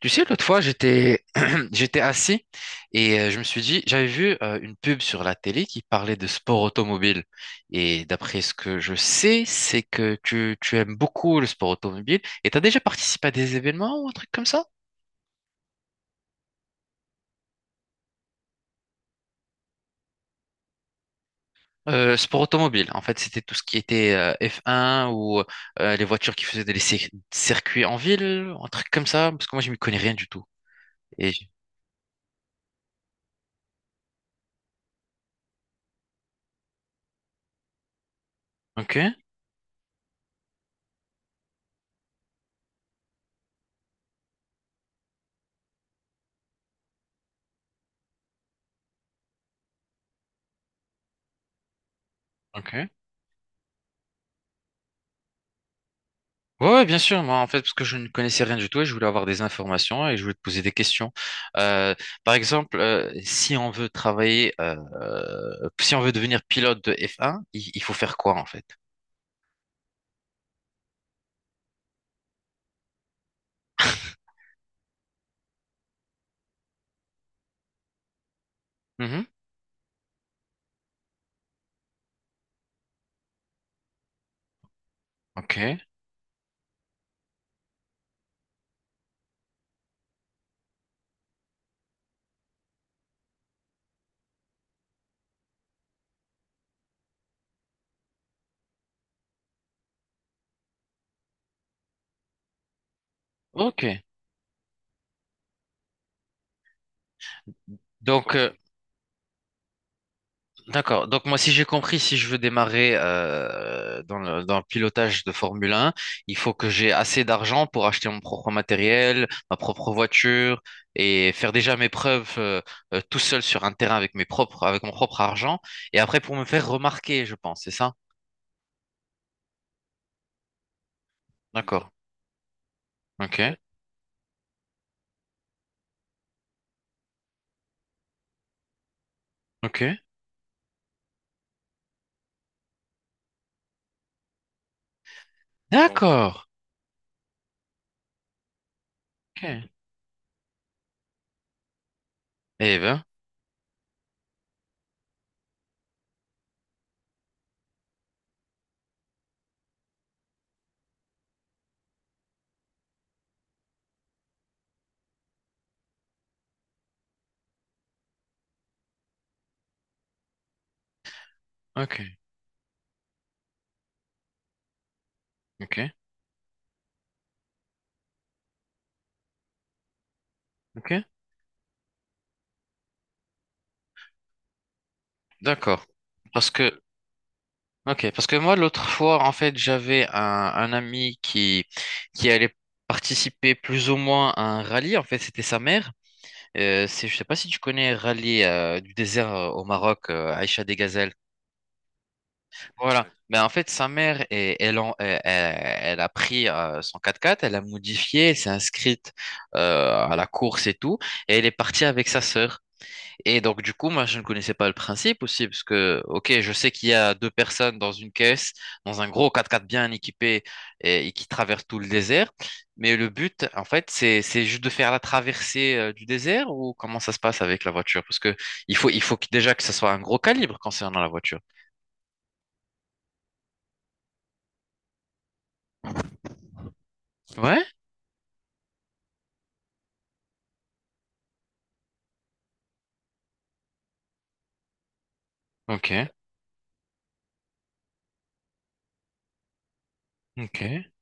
Tu sais, l'autre fois, j'étais j'étais assis et je me suis dit, j'avais vu une pub sur la télé qui parlait de sport automobile. Et d'après ce que je sais, c'est que tu aimes beaucoup le sport automobile et tu as déjà participé à des événements ou un truc comme ça? Sport automobile, en fait, c'était tout ce qui était F1 ou les voitures qui faisaient des circuits en ville, un truc comme ça, parce que moi, je m'y connais rien du tout. Et... Ok, ok. Ouais, ouais, bien sûr. Moi, en fait, parce que je ne connaissais rien du tout et je voulais avoir des informations et je voulais te poser des questions. Euh, Par exemple, si on veut travailler, si on veut devenir pilote de F1, il faut faire quoi en fait? Mhm. Ok. Ok. Donc, euh, D'accord. Donc moi, si j'ai compris, si je veux démarrer dans le pilotage de Formule 1, il faut que j'ai assez d'argent pour acheter mon propre matériel, ma propre voiture et faire déjà mes preuves tout seul sur un terrain avec mes propres, avec mon propre argent. Et après, pour me faire remarquer, je pense, c'est ça? D'accord. Ok. Ouais. Ok. Ouais, ouais. D'accord. Ok. Eh ben. Ok. Ok. Ok. D'accord. Parce que Ok, parce que moi, l'autre fois, en fait, j'avais un ami qui allait participer plus ou moins à un rallye. En fait, c'était sa mère. Je sais pas si tu connais Rallye du désert au Maroc, Aïcha des Gazelles. Voilà. Mais en fait, sa mère, elle, elle, elle a pris son quatre quatre elle a modifié, elle s'est inscrite à la course et tout, et elle est partie avec sa sœur. Et donc, du coup, moi, je ne connaissais pas le principe aussi, parce que, ok, je sais qu'il y a deux personnes dans une caisse, dans un gros 4x4 bien équipé et qui traverse tout le désert. Mais le but, en fait, c'est juste de faire la traversée du désert ou comment ça se passe avec la voiture? Parce que il faut déjà que ça soit un gros calibre concernant la voiture. Ouais? Ok, ok.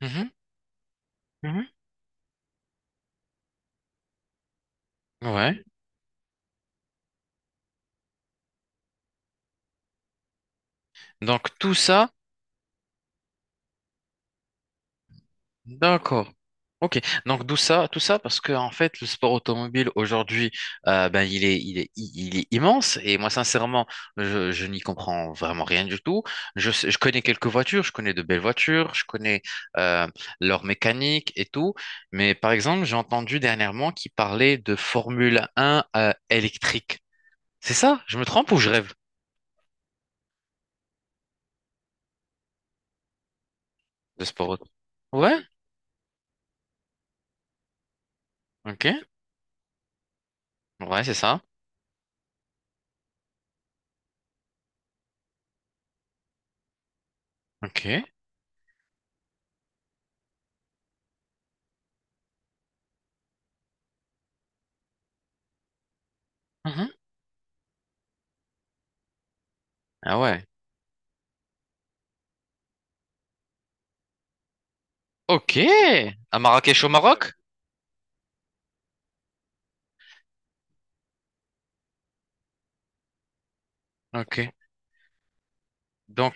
Mhm, mhm. Ouais. Donc, tout ça. D'accord. Ok. Donc d'où ça, tout ça parce que en fait le sport automobile aujourd'hui, ben il est immense et moi sincèrement, je n'y comprends vraiment rien du tout. Je je connais quelques voitures, je connais de belles voitures, je connais euh, leur mécanique et tout, mais par exemple j'ai entendu dernièrement qu'ils parlaient de Formule 1 électrique. C'est ça? Je me trompe ou je rêve de sport auto? Ouais. Ok. Ouais, c'est ça. Ok. Mhm. Ah ouais. Ok, à Marrakech au Maroc? Ok, donc,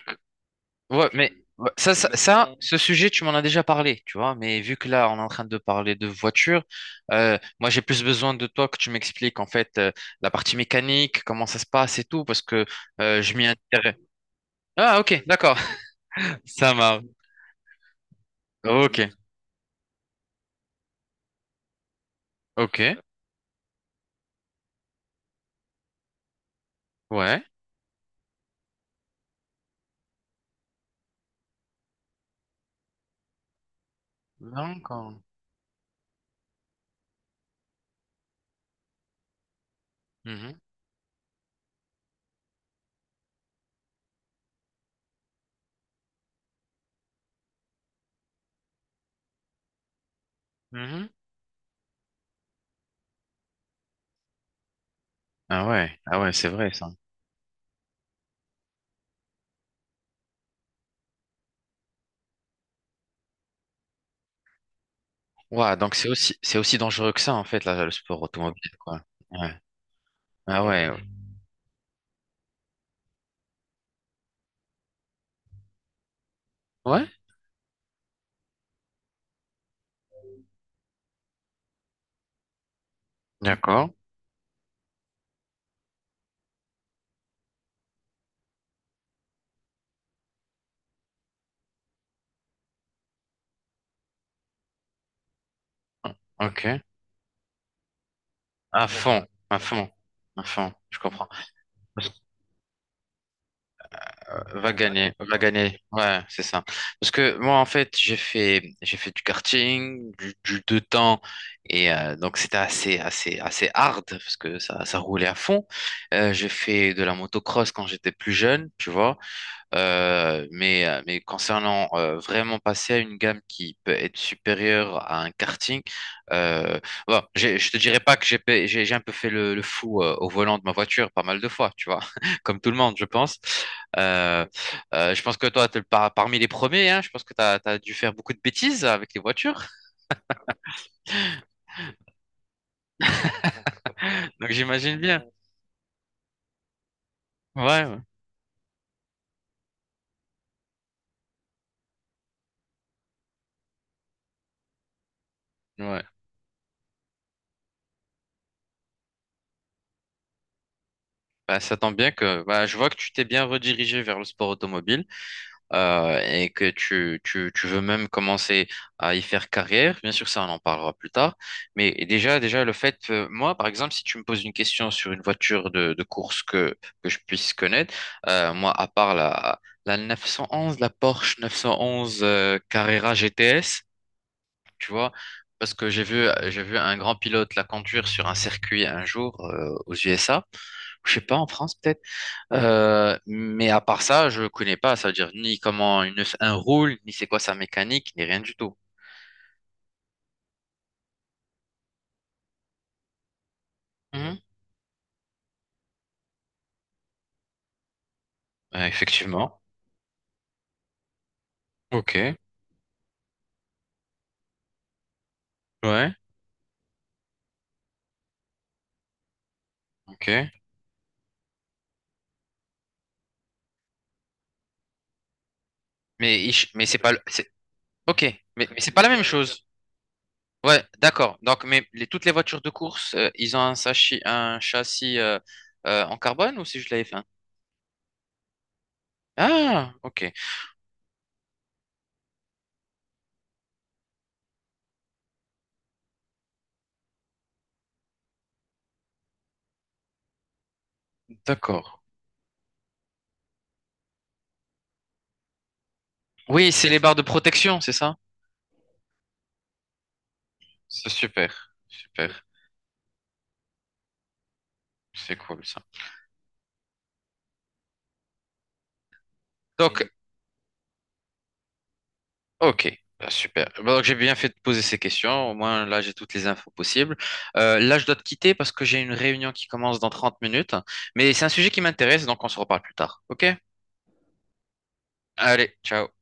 ouais, mais ouais, ce sujet, tu m'en as déjà parlé, tu vois, mais vu que là, on est en train de parler de voiture, moi, j'ai plus besoin de toi que tu m'expliques, en fait, la partie mécanique, comment ça se passe et tout, parce que je m'y intéresse. Ah, ok, d'accord, ça marche. Ok, ok, ouais. D'accord. Mhm, mhm. Ah ouais, ah ouais, c'est vrai, ça. Ouais, donc c'est aussi dangereux que ça, en fait, là, le sport automobile, quoi. Ouais. Ah ouais. Ouais, d'accord, ok. À fond, à fond, à fond, je comprends. Parce que va gagner, ouais, c'est ça. Parce que moi, en fait, j'ai fait du karting, du deux temps, et donc c'était assez, assez, assez hard, parce que ça roulait à fond. J'ai fait de la motocross quand j'étais plus jeune, tu vois. Mais, mais concernant vraiment passer à une gamme qui peut être supérieure à un karting, euh, bon, je te dirais pas que j'ai pa- j'ai un peu fait le fou au volant de ma voiture pas mal de fois, tu vois, comme tout le monde, je pense. Euh, je pense que toi, t'es parmi les premiers, hein, je pense que tu as, dû faire beaucoup de bêtises avec les voitures, donc j'imagine bien. Ouais, ouais. Ouais. Bah, ça tombe bien que bah, je vois que tu t'es bien redirigé vers le sport automobile. Et que tu veux même commencer à y faire carrière, bien sûr, ça, on en parlera plus tard. Mais déjà, déjà le fait, moi, par exemple, si tu me poses une question sur une voiture de course que je puisse connaître, moi, à part la 911, la Porsche 911 Carrera GTS, tu vois, parce que j'ai vu un grand pilote la conduire sur un circuit un jour aux USA. Je sais pas, en France, peut-être. Mais à part ça, je connais pas, ça veut dire ni comment une œuf un roule, ni c'est quoi sa mécanique, ni rien du tout. Mhm. Ouais, effectivement. Ok. Ouais. Ok. Mais il ch- mais c'est pas le- c'est ok. Mais c'est pas la même chose. Ouais, d'accord. Donc, mais toutes les voitures de course, ils ont un châssis en carbone ou c'est juste la F1? Ah, ok. D'accord. Oui, c'est les barres de protection, c'est ça? C'est super, super. C'est cool ça. Donc, Ok, bah, super. Bah, donc j'ai bien fait de poser ces questions. Au moins là, j'ai toutes les infos possibles. Là, je dois te quitter parce que j'ai une réunion qui commence dans 30 minutes. Mais c'est un sujet qui m'intéresse, donc on se reparle plus tard. Ok? Allez, ciao.